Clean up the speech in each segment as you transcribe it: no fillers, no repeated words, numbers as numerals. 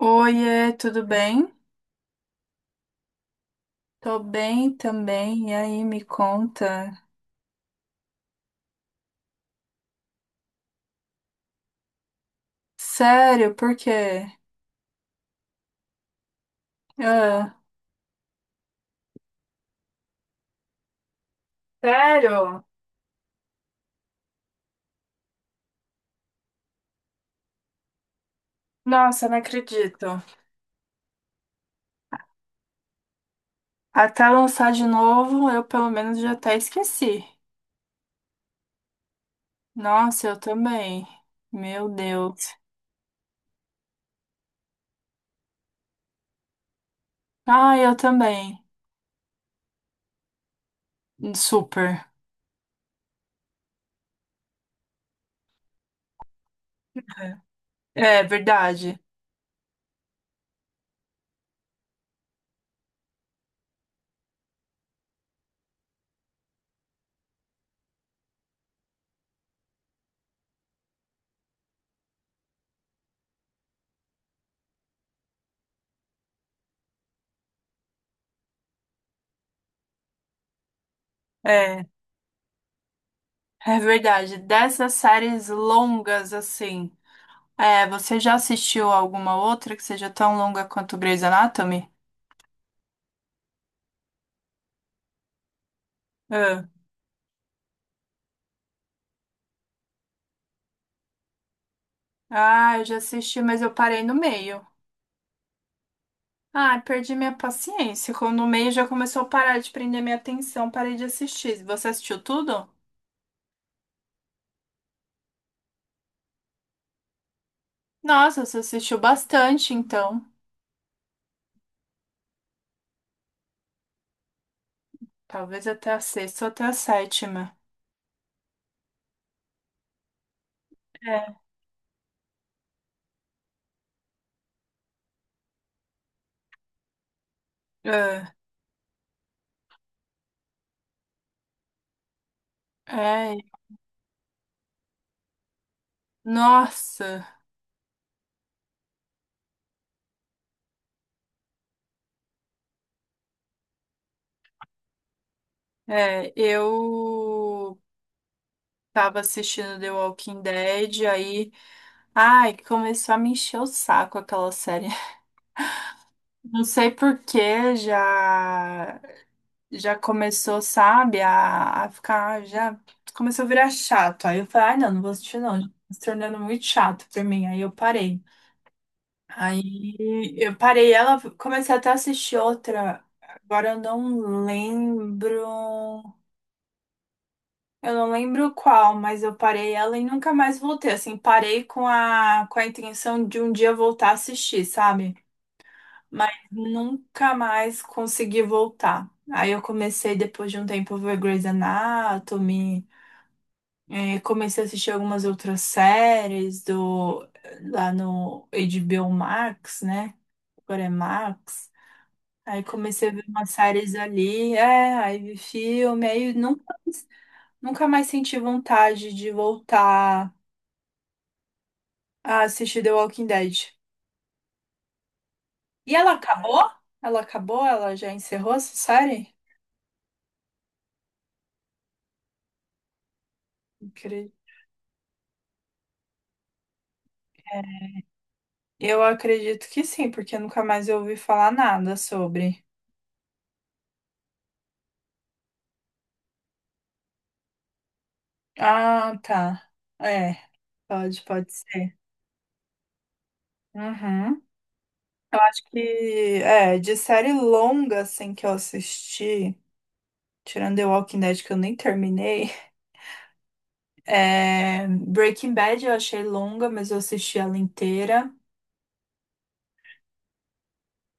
Oiê, tudo bem? Tô bem também. E aí, me conta. Sério, por quê? Ah, sério? Nossa, não acredito. Até lançar de novo, eu pelo menos já até esqueci. Nossa, eu também. Meu Deus. Ah, eu também. Super. É verdade. É, é verdade. Dessas séries longas assim. É, você já assistiu alguma outra que seja tão longa quanto Grey's Anatomy? Ah. Ah, eu já assisti, mas eu parei no meio. Ah, perdi minha paciência. Quando no meio já começou a parar de prender minha atenção, parei de assistir. Você assistiu tudo? Nossa, você assistiu bastante, então. Talvez até a sexta ou até a sétima. É, é, É. Nossa, é, eu tava assistindo The Walking Dead, aí, ai, começou a me encher o saco aquela série. Não sei por que já. Já começou, sabe, a ficar, já começou a virar chato. Aí eu falei, ah, não, não vou assistir não, já tá se tornando muito chato pra mim. Aí eu parei. Aí eu parei ela, comecei até a assistir outra. Agora eu não lembro. Eu não lembro qual, mas eu parei ela e nunca mais voltei. Assim, parei com a intenção de um dia voltar a assistir, sabe? Mas nunca mais consegui voltar. Aí eu comecei, depois de um tempo, a ver Grey's Anatomy, comecei a assistir algumas outras séries do, lá no HBO Max, né? Agora é Max. Aí comecei a ver umas séries ali, é, aí vi filme, aí nunca, mais- nunca mais senti vontade de voltar a assistir The Walking Dead. E ela acabou? Ela acabou? Ela já encerrou essa série? Eu acredito que sim, porque nunca mais eu ouvi falar nada sobre. Ah, tá. É, pode ser. Uhum. Eu acho que, é, de série longa, assim, que eu assisti, tirando The Walking Dead, que eu nem terminei, é, Breaking Bad eu achei longa, mas eu assisti ela inteira.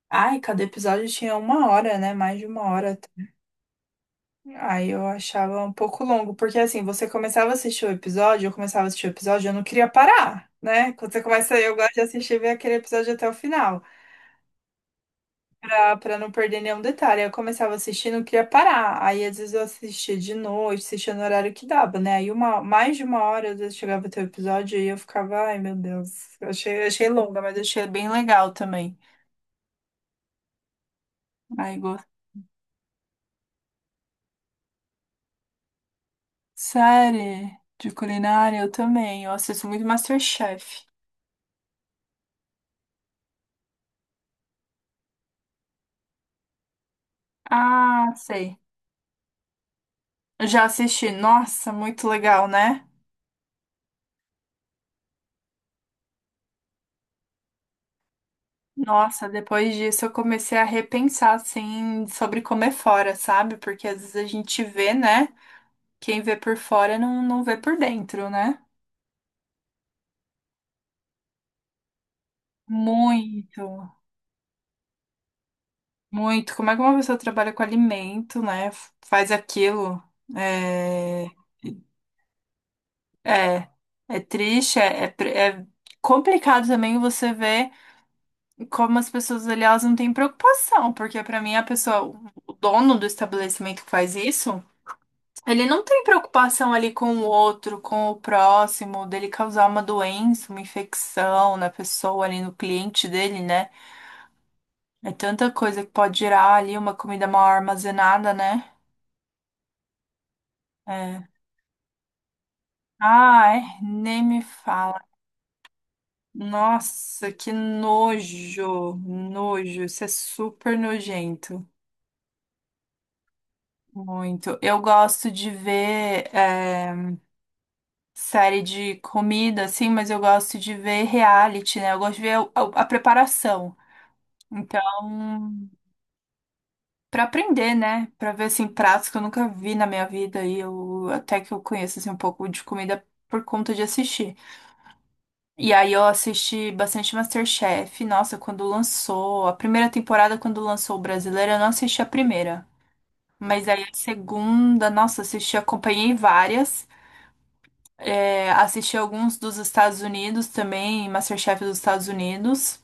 Ai, cada episódio tinha uma hora, né? Mais de uma hora. Aí eu achava um pouco longo, porque assim, você começava a assistir o episódio, eu começava a assistir o episódio, eu não queria parar, né? Quando você começa, eu gosto de assistir e ver aquele episódio até o final, pra não perder nenhum detalhe. Aí eu começava a assistir e não queria parar. Aí às vezes eu assistia de noite, assistia no horário que dava, né? Aí uma, mais de uma hora, às vezes chegava até o episódio e eu ficava, ai meu Deus, eu achei, achei longa, mas achei bem legal também. Aí gosto. Série de culinária, eu também, eu assisto muito MasterChef. Ah, sei. Eu já assisti. Nossa, muito legal, né? Nossa, depois disso eu comecei a repensar, assim, sobre comer fora, sabe? Porque às vezes a gente vê, né? Quem vê por fora não, não vê por dentro, né? Muito, muito. Como é que uma pessoa trabalha com alimento, né? F- Faz aquilo. É, é, é triste, é, é, pre- é complicado também você ver como as pessoas ali, elas não têm preocupação, porque pra mim a pessoa, o dono do estabelecimento que faz isso. Ele não tem preocupação ali com o outro, com o próximo, dele causar uma doença, uma infecção na pessoa ali, no cliente dele, né? É tanta coisa que pode gerar ali uma comida mal armazenada, né? É. Ah, é? Nem me fala. Nossa, que nojo, nojo. Isso é super nojento. Muito. Eu gosto de ver é, série de comida, assim, mas eu gosto de ver reality, né? Eu gosto de ver a preparação. Então, para aprender, né? Para ver assim pratos que eu nunca vi na minha vida e eu até que eu conheço assim um pouco de comida por conta de assistir. E aí eu assisti bastante MasterChef. Nossa, quando lançou a primeira temporada, quando lançou o brasileiro, eu não assisti a primeira. Mas aí a segunda, nossa, assisti, acompanhei várias. É, assisti alguns dos Estados Unidos também, MasterChef dos Estados Unidos.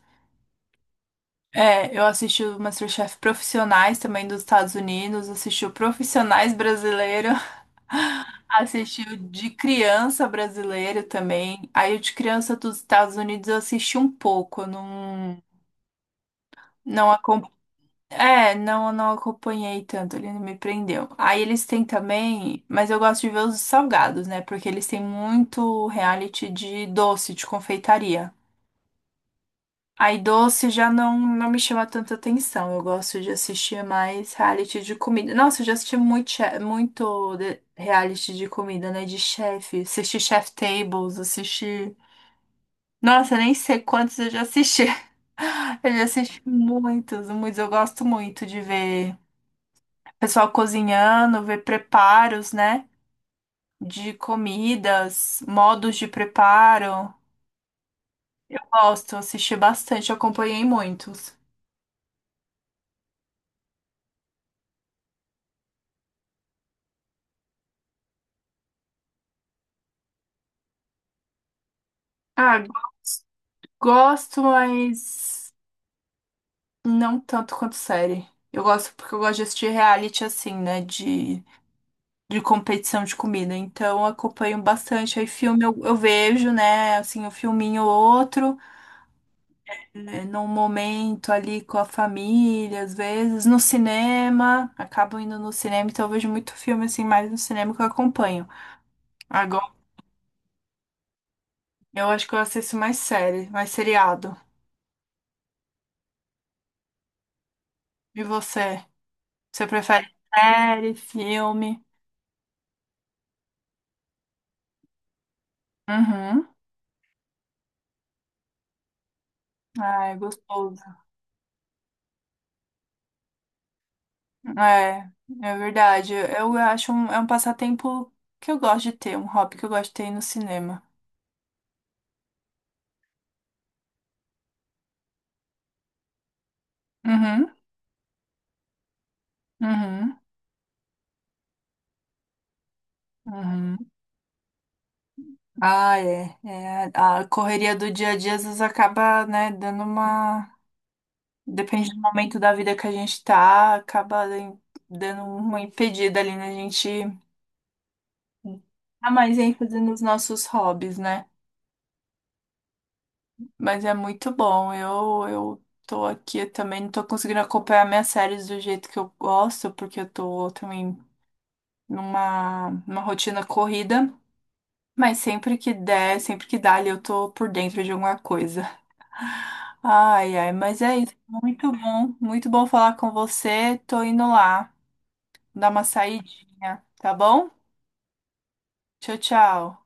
É, eu assisti o MasterChef Profissionais também dos Estados Unidos, assisti o Profissionais brasileiro, assisti o de criança brasileiro também. Aí o de criança dos Estados Unidos eu assisti um pouco, eu não acompanhei. É, não acompanhei tanto, ele não me prendeu. Aí eles têm também, mas eu gosto de ver os salgados, né? Porque eles têm muito reality de doce, de confeitaria. Aí doce já não, não me chama tanta atenção. Eu gosto de assistir mais reality de comida. Nossa, eu já assisti muito, che- muito de- reality de comida, né? De chefe. Assisti Chef Tables, assisti. Nossa, eu nem sei quantos eu já assisti. Eu já assisti muitos, muitos. Eu gosto muito de ver pessoal cozinhando, ver preparos, né? De comidas, modos de preparo. Gosto, assisti bastante, acompanhei muitos. Ah, gosto, mas não tanto quanto série. Eu gosto porque eu gosto de assistir reality assim, né? De competição de comida. Então eu acompanho bastante. Aí filme eu vejo, né? Assim, um filminho ou outro, é, num momento ali com a família, às vezes, no cinema. Acabo indo no cinema, então eu vejo muito filme assim, mais no cinema que eu acompanho. Agora eu acho que eu assisto mais série, mais seriado. E você? Você prefere série, filme? Uhum. Ai, gostoso. É, é verdade. Eu acho um, é um passatempo que eu gosto de ter, um hobby que eu gosto de ter no cinema. Uhum, uhum, uhum. Ah, é, é. A correria do dia a dia às vezes acaba, né, dando uma. Depende do momento da vida que a gente tá, acaba em- dando uma impedida ali na gente dar mais ênfase nos nossos hobbies, né? Mas é muito bom. Eu tô aqui eu também, não tô conseguindo acompanhar minhas séries do jeito que eu gosto, porque eu tô também numa, numa rotina corrida. Mas sempre que der, sempre que dá ali, eu tô por dentro de alguma coisa. Ai, ai, mas é isso. Muito bom falar com você. Tô indo lá, dar uma saidinha, tá bom? Tchau, tchau.